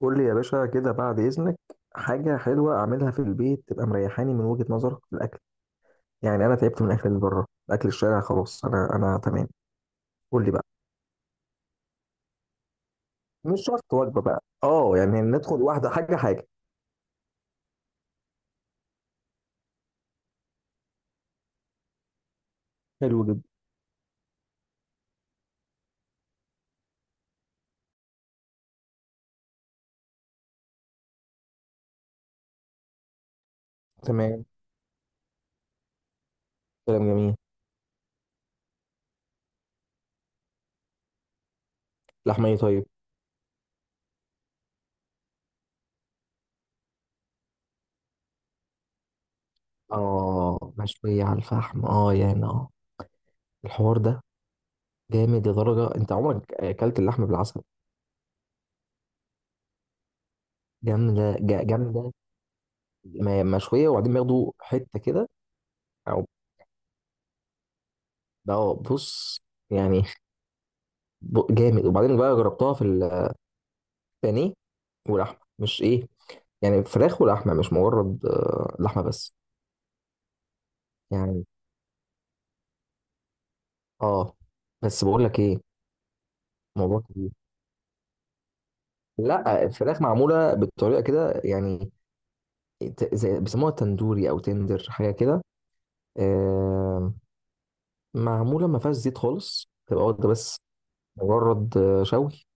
قول لي يا باشا كده بعد إذنك. حاجة حلوة أعملها في البيت تبقى مريحاني من وجهة نظرك في الأكل. يعني أنا تعبت من الأكل اللي بره، أكل الشارع خلاص، أنا تمام. قول لي بقى. مش شرط وجبة بقى، يعني ندخل واحدة، حاجة. حلو جدا. تمام. كلام جميل. لحمة، طيب. مشوية على الفحم، الحوار ده جامد لدرجة. أنت عمرك أكلت اللحمة بالعسل؟ جامدة، جامدة. مشوية، وبعدين بياخدوا حتة كده أو، ده بص، يعني جامد. وبعدين بقى جربتها في البانيه، واللحمه مش ايه، يعني فراخ ولحمه، مش مجرد لحمه بس. يعني اه، بس بقول لك ايه، موضوع كبير. لا الفراخ معموله بطريقه كده يعني، زي بيسموها تندوري او تندر، حاجه كده. آه. معموله ما فيهاش زيت خالص، تبقى واخده بس مجرد شوي.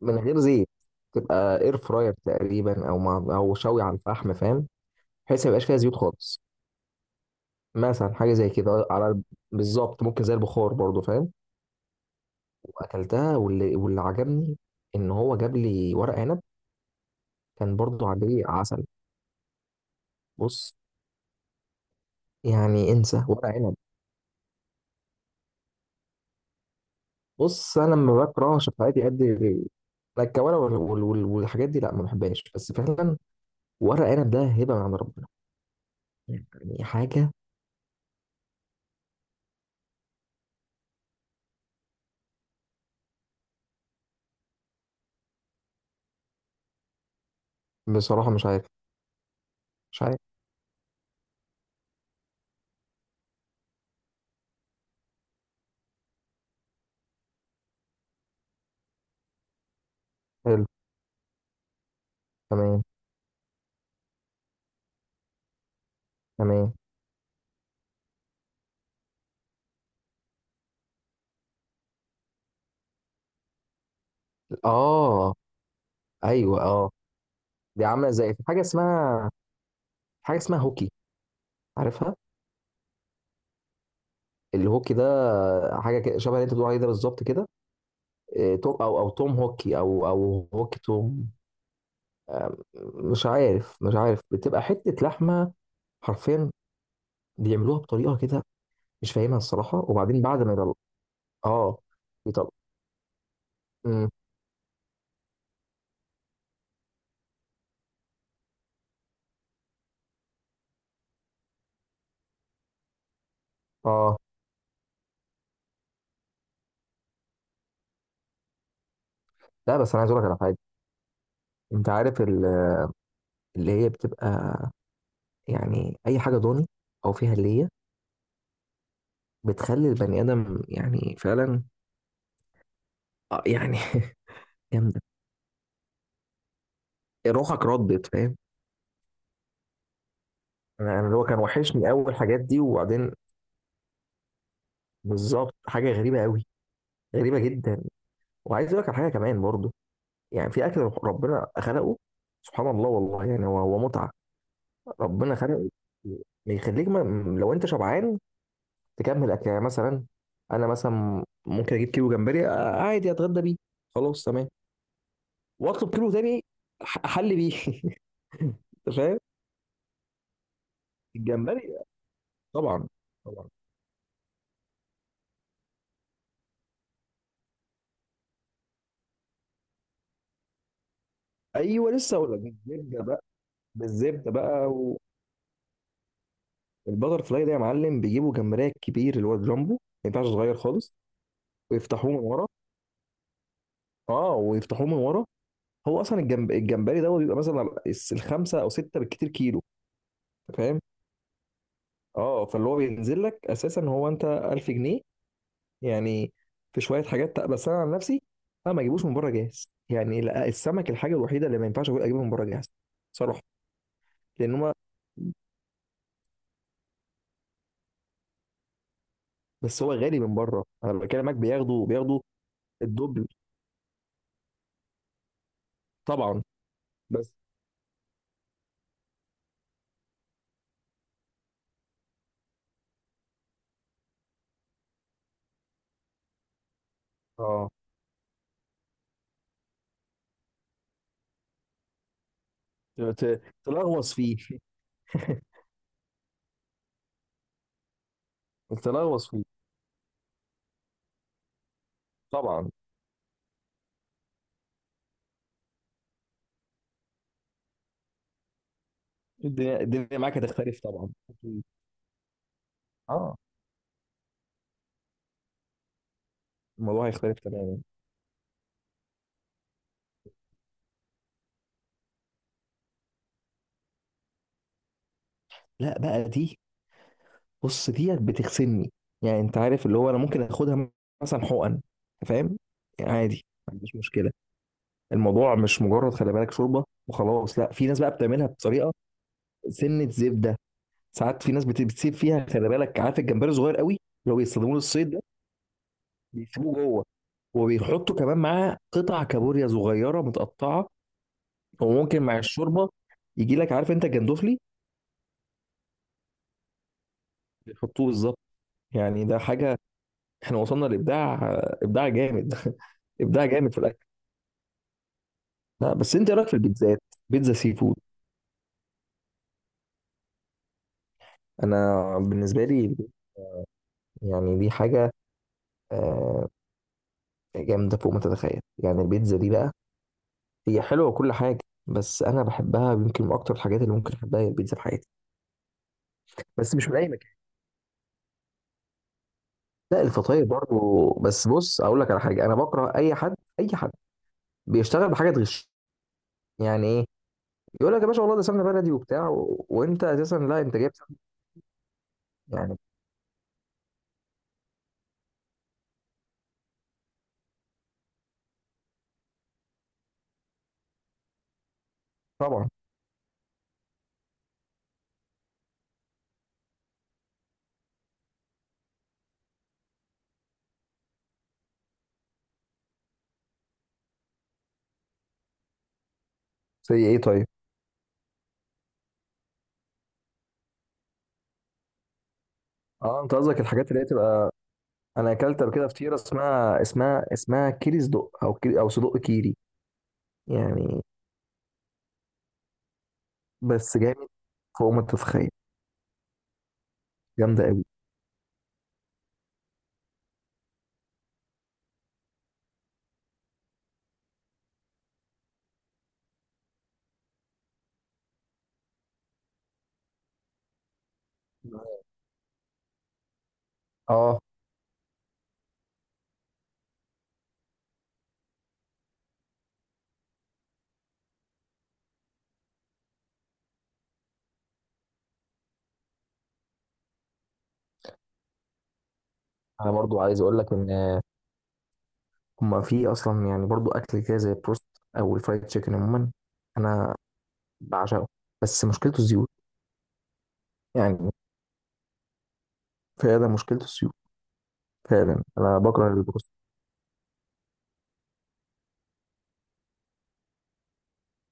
من غير زيت. تبقى اير فراير تقريبا، او مع، او شوي على الفحم، فاهم؟ بحيث ما يبقاش فيها زيوت خالص. مثلا حاجه زي كده، على بالظبط. ممكن زي البخار برضو، فاهم؟ واكلتها، واللي عجبني ان هو جاب لي ورق عنب، كان برضو عليه عسل. بص، يعني انسى ورق عنب. بص، انا لما بكره شفاعتي قد، لا الكوارع والحاجات دي لا، ما بحبهاش. بس فعلا ورق عنب ده هبه من عند ربنا، يعني حاجه. بصراحه مش عارف. حلو. تمام. تمام. اه. ايوه اه. دي عامله زي، في حاجه اسمها هوكي، عارفها؟ الهوكي ده حاجه كده، شبه اللي انت بتقول عليه ده بالظبط كده. توم، او توم هوكي، او هوكي توم. آم، مش عارف، مش عارف. بتبقى حته لحمه حرفيا، بيعملوها بطريقه كده مش فاهمها الصراحه. وبعدين بعد ما يطلع، اه، يطلع. امم اه. لا بس انا عايز اقول لك على حاجه. انت عارف اللي هي بتبقى، يعني اي حاجه ضاني او فيها هليه، بتخلي البني ادم يعني فعلا، يعني جامده، روحك ردت، فاهم؟ انا اللي هو كان وحشني اول، الحاجات دي وبعدين. بالظبط، حاجه غريبه قوي، غريبه جدا. وعايز اقول لك على حاجه كمان برضو. يعني في اكل ربنا خلقه، سبحان الله والله، يعني هو متعه. ربنا خلقه يخليك ما، لو انت شبعان تكمل اكل. يعني مثلا انا مثلا ممكن اجيب كيلو جمبري عادي، اتغدى بيه خلاص تمام. واطلب كيلو تاني احل بيه. انت فاهم؟ الجمبري، طبعا طبعا. ايوه لسه اقول لك بالزبده بقى، بالزبده بقى. البتر فلاي ده يا معلم، بيجيبوا جمبريه كبير اللي هو الجامبو، ما ينفعش صغير خالص. ويفتحوه من ورا. اه ويفتحوه من ورا. هو اصلا الجمبري ده بيبقى مثلا الخمسه او سته بالكتير كيلو. أنت فاهم؟ اه، فاللي هو بينزل لك اساسا هو انت 1000 جنيه يعني. في شويه حاجات بس انا عن نفسي انا ما اجيبوش من بره جاهز، يعني لا. السمك الحاجه الوحيده اللي ما ينفعش أقول اجيبه من بره جاهز، صراحه. لان هما، بس هو غالي من بره، انا بكلمك، بياخدوا الدبل طبعا. بس اه، تلغوص فيه. تلغوص فيه طبعا. الدنيا معاك هتختلف طبعا أكيد. اه، الموضوع هيختلف تماما. لا بقى دي، بص ديت بتغسلني. يعني انت عارف اللي هو انا ممكن اخدها مثلا حقن، فاهم؟ يعني عادي ما عنديش مشكله. الموضوع مش مجرد خلي بالك شوربه وخلاص لا، في ناس بقى بتعملها بطريقه سنه زبده. ساعات في ناس بتسيب فيها، خلي بالك عارف الجمبري صغير قوي لو يستخدموه للصيد، بيسيبوه جوه. وبيحطوا كمان معاه قطع كابوريا صغيره متقطعه. وممكن مع الشوربه يجي لك، عارف انت جندوفلي؟ بيحطوه بالظبط. يعني ده حاجه، احنا وصلنا لابداع، ابداع جامد. ابداع جامد في الاكل. لا بس انت إيه رايك في البيتزات؟ بيتزا سي فود، انا بالنسبه لي يعني دي حاجه آه، جامده فوق ما تتخيل. يعني البيتزا دي بقى هي حلوه وكل حاجه، بس انا بحبها يمكن من اكتر الحاجات اللي ممكن احبها هي البيتزا في حياتي. بس مش من اي مكان. لا الفطاير برضه، بس بص اقول لك على حاجه. انا بكره اي حد، اي حد بيشتغل بحاجه تغش. يعني ايه؟ يقول لك يا باشا والله ده سمنه بلدي وبتاع وانت اساسا لا، انت جايب سمنة يعني، طبعا. زي ايه طيب؟ اه انت قصدك الحاجات اللي هي تبقى، انا اكلت قبل كده فطيره اسمها اسمها كيري صدق، او كيري، او صدق كيري، يعني. بس جامد فوق ما تتخيل، جامده قوي. اه انا برضو عايز اقول لك ان هما في اصلا، يعني برضو اكل كده زي البروست او الفرايد تشيكن عموما، انا بعشقه. بس مشكلته الزيوت، يعني فعلا مشكلته الزيوت. فعلا انا بكره البروست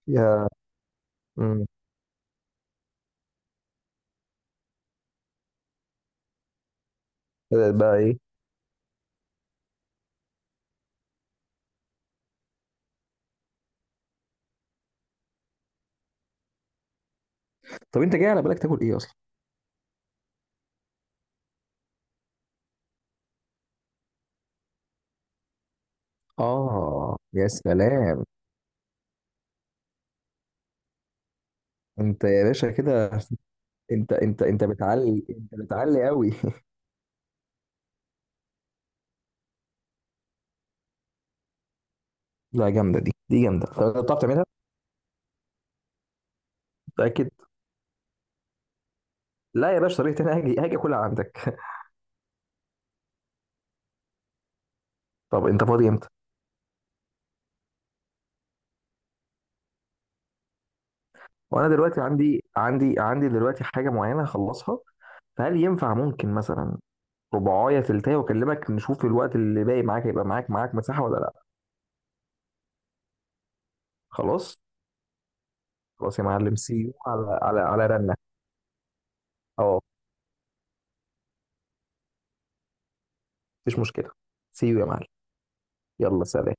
يا، مم. بدأت بقى ايه؟ طب انت جاي على بالك تاكل ايه اصلا؟ اه يا سلام. انت يا باشا كده، انت بتعلي، انت بتعلي قوي. لا جامده دي، دي جامده. طب بتعرف تعملها؟ متاكد؟ لا يا باشا، طريقتي انا، هاجي اكلها عندك. طب انت فاضي امتى؟ وانا دلوقتي عندي دلوقتي حاجه معينه هخلصها، فهل ينفع ممكن مثلا رباعية تلتاية واكلمك، نشوف الوقت اللي باقي معاك هيبقى معاك، معاك مساحة ولا لا؟ خلاص. خلاص يا معلم، سي يو على على رنة. اه مفيش مشكلة. سي يو يا معلم، يلا سلام.